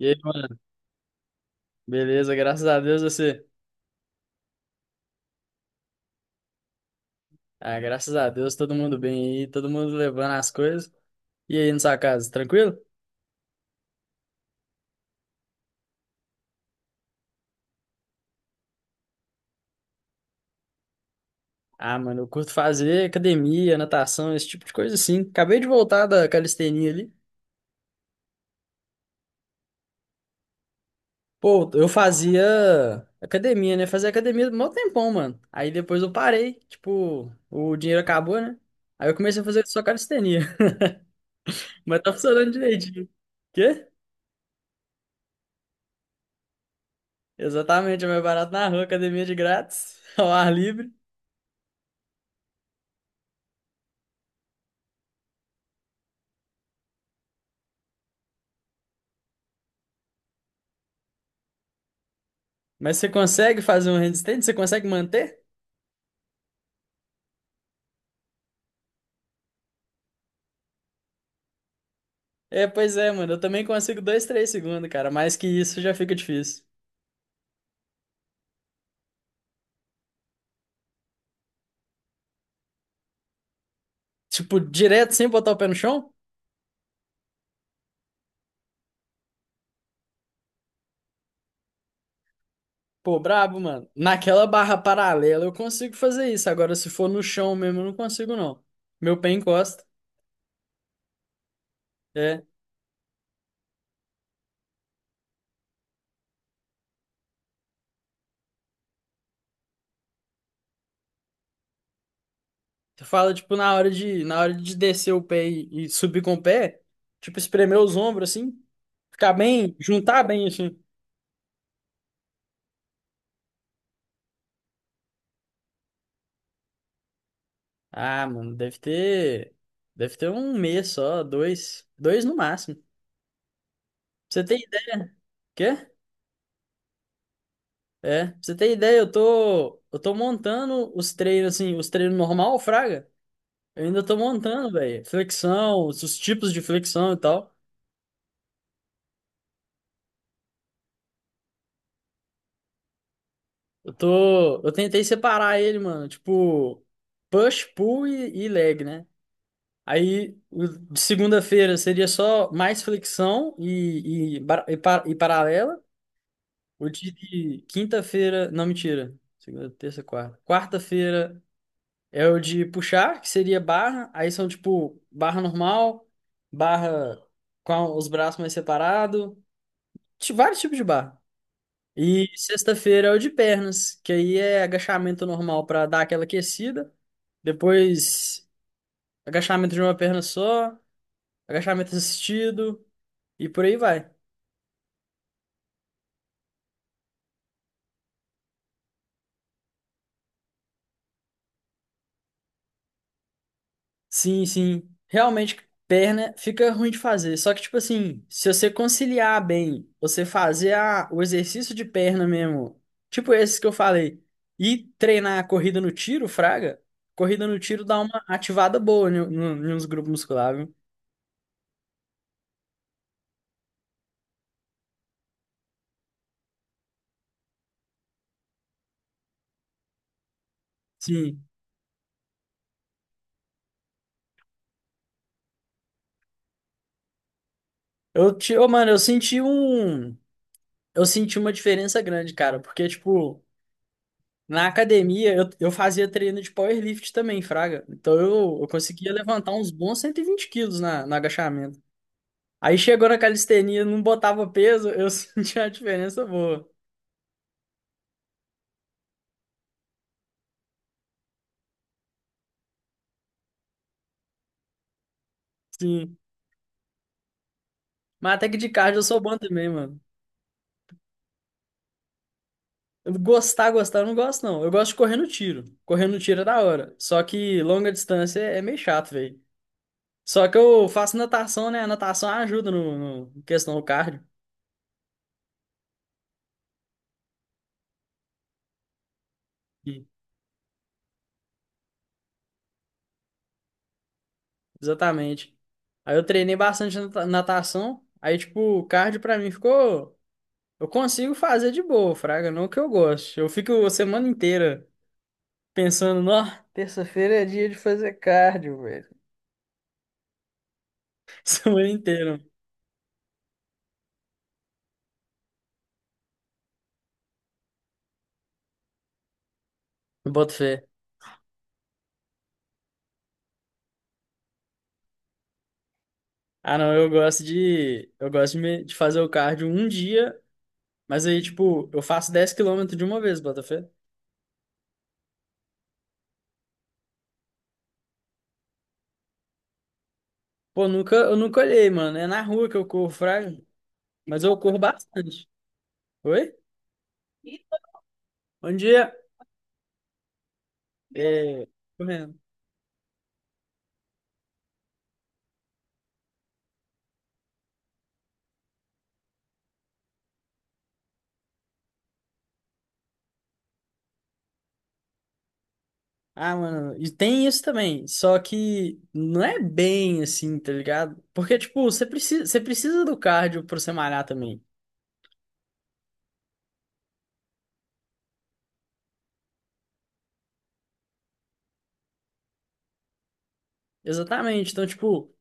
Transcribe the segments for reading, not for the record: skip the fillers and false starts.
E aí, mano? Beleza, graças a Deus você. Ah, graças a Deus, todo mundo bem aí, todo mundo levando as coisas. E aí, na sua casa, tranquilo? Ah, mano, eu curto fazer academia, natação, esse tipo de coisa assim. Acabei de voltar da calistenia ali. Pô, eu fazia academia, né? Fazia academia mó tempão, mano. Aí depois eu parei, tipo, o dinheiro acabou, né? Aí eu comecei a fazer só calistenia. Mas tá funcionando direitinho. Quê? Exatamente, é mais barato na rua, academia de grátis, ao ar livre. Mas você consegue fazer um handstand? Você consegue manter? É, pois é, mano. Eu também consigo dois, três segundos, cara. Mais que isso já fica difícil. Tipo, direto sem botar o pé no chão? Pô, brabo, mano. Naquela barra paralela eu consigo fazer isso. Agora, se for no chão mesmo, eu não consigo, não. Meu pé encosta. É. Você fala, tipo, na hora de descer o pé e subir com o pé, tipo, espremer os ombros assim, ficar bem, juntar bem assim. Ah, mano, deve ter. Deve ter um mês só, dois. Dois no máximo. Pra você tem ideia? Quê? É, pra você tem ideia, eu tô montando os treinos, assim, os treinos normal, fraga. Eu ainda tô montando, velho. Flexão, os tipos de flexão e tal. Eu tentei separar ele, mano. Tipo, push, pull e leg, né? De segunda-feira seria só mais flexão e paralela. O dia de quinta-feira, não, mentira. Segunda, terça, quarta. Quarta-feira é o de puxar, que seria barra. Aí são tipo barra normal, barra com os braços mais separados, vários tipos de barra. E sexta-feira é o de pernas, que aí é agachamento normal para dar aquela aquecida. Depois, agachamento de uma perna só, agachamento assistido e por aí vai. Sim, sim. Realmente, perna fica ruim de fazer. Só que, tipo assim, se você conciliar bem, você fazer o exercício de perna mesmo, tipo esses que eu falei, e treinar a corrida no tiro, fraga, corrida no tiro dá uma ativada boa no, no, nos grupos musculares, viu? Sim. Ô, mano, eu senti um. Eu senti uma diferença grande, cara, porque, tipo, na academia eu fazia treino de powerlift também, fraga. Então eu conseguia levantar uns bons 120 quilos no agachamento. Aí chegou na calistenia, não botava peso, eu sentia a diferença boa. Sim. Mas até que de cardio eu sou bom também, mano. Eu gostar, gostar, eu não gosto, não. Eu gosto de correr no tiro. Correr no tiro é da hora. Só que longa distância é meio chato, velho. Só que eu faço natação, né? A natação ajuda no questão do cardio. Sim. Exatamente. Aí eu treinei bastante natação. Aí, tipo, o cardio pra mim ficou. Eu consigo fazer de boa, fraga. Não que eu goste. Eu fico a semana inteira pensando, ó, terça-feira é dia de fazer cardio, velho. Semana inteira. Eu boto fé. Ah, não, Eu gosto de fazer o cardio um dia, mas aí, tipo, eu faço 10 km de uma vez, bota fé. Pô, nunca, eu nunca olhei, mano. É na rua que eu corro, fraco, mas eu corro bastante. Oi? Bom dia. É, correndo. Ah, mano, e tem isso também, só que não é bem assim, tá ligado? Porque, tipo, você precisa do cardio pra você malhar também. Exatamente. Então, tipo,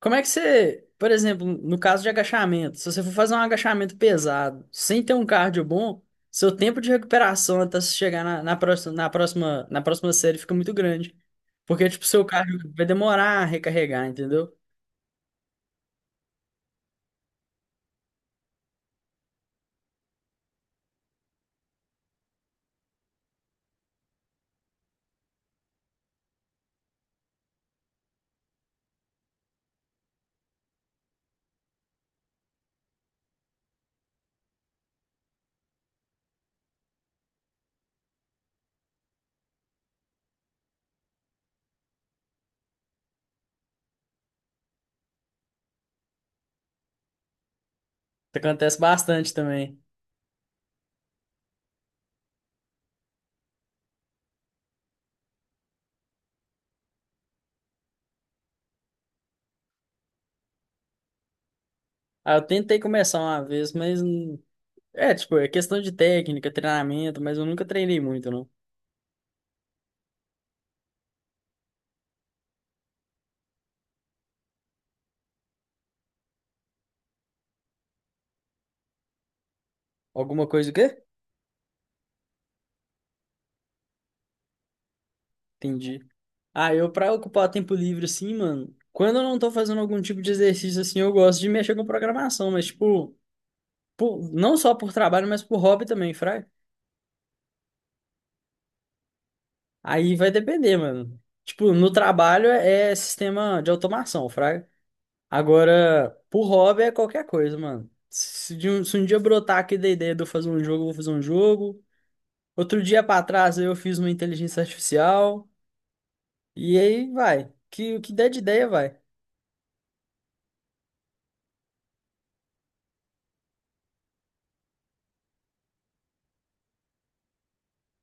como é que você, por exemplo, no caso de agachamento, se você for fazer um agachamento pesado, sem ter um cardio bom, seu tempo de recuperação até você chegar na próxima série fica muito grande. Porque, tipo, seu cardio vai demorar a recarregar, entendeu? Isso acontece bastante também. Ah, eu tentei começar uma vez, é, tipo, é questão de técnica, treinamento, mas eu nunca treinei muito, não. Alguma coisa o quê? Entendi. Ah, eu pra ocupar tempo livre assim, mano, quando eu não tô fazendo algum tipo de exercício assim, eu gosto de mexer com programação, mas tipo, não só por trabalho, mas por hobby também, fraga. Aí vai depender, mano. Tipo, no trabalho é sistema de automação, fraga. Agora, por hobby é qualquer coisa, mano. Se um dia brotar aqui da ideia de eu fazer um jogo, eu vou fazer um jogo. Outro dia pra trás eu fiz uma inteligência artificial. E aí vai. O que der de ideia vai.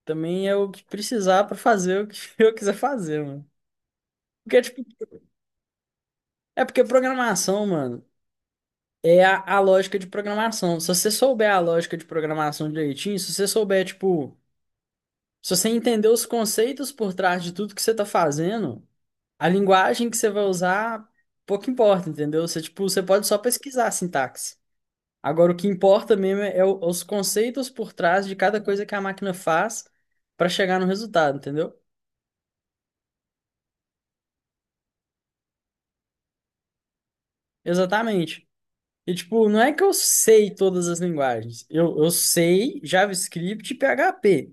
Também é o que precisar pra fazer o que eu quiser fazer, mano. Porque, tipo, porque programação, mano, é a lógica de programação. Se você souber a lógica de programação direitinho, se você souber, tipo, se você entender os conceitos por trás de tudo que você tá fazendo, a linguagem que você vai usar, pouco importa, entendeu? Você, tipo, você pode só pesquisar a sintaxe. Agora, o que importa mesmo é os conceitos por trás de cada coisa que a máquina faz pra chegar no resultado, entendeu? Exatamente. E, tipo, não é que eu sei todas as linguagens. Eu sei JavaScript e PHP.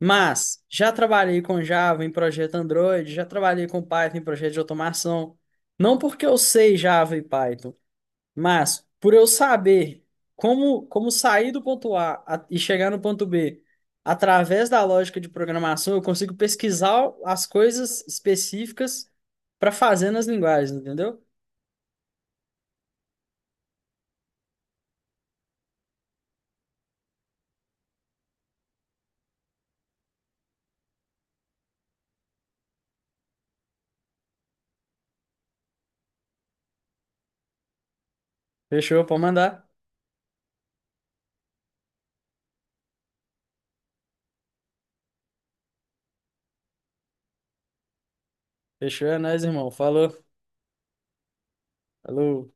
Mas já trabalhei com Java em projeto Android, já trabalhei com Python em projeto de automação. Não porque eu sei Java e Python, mas por eu saber como sair do ponto A e chegar no ponto B através da lógica de programação, eu consigo pesquisar as coisas específicas para fazer nas linguagens, entendeu? Fechou, pode mandar. Fechou, é nóis, irmão. Falou. Alô?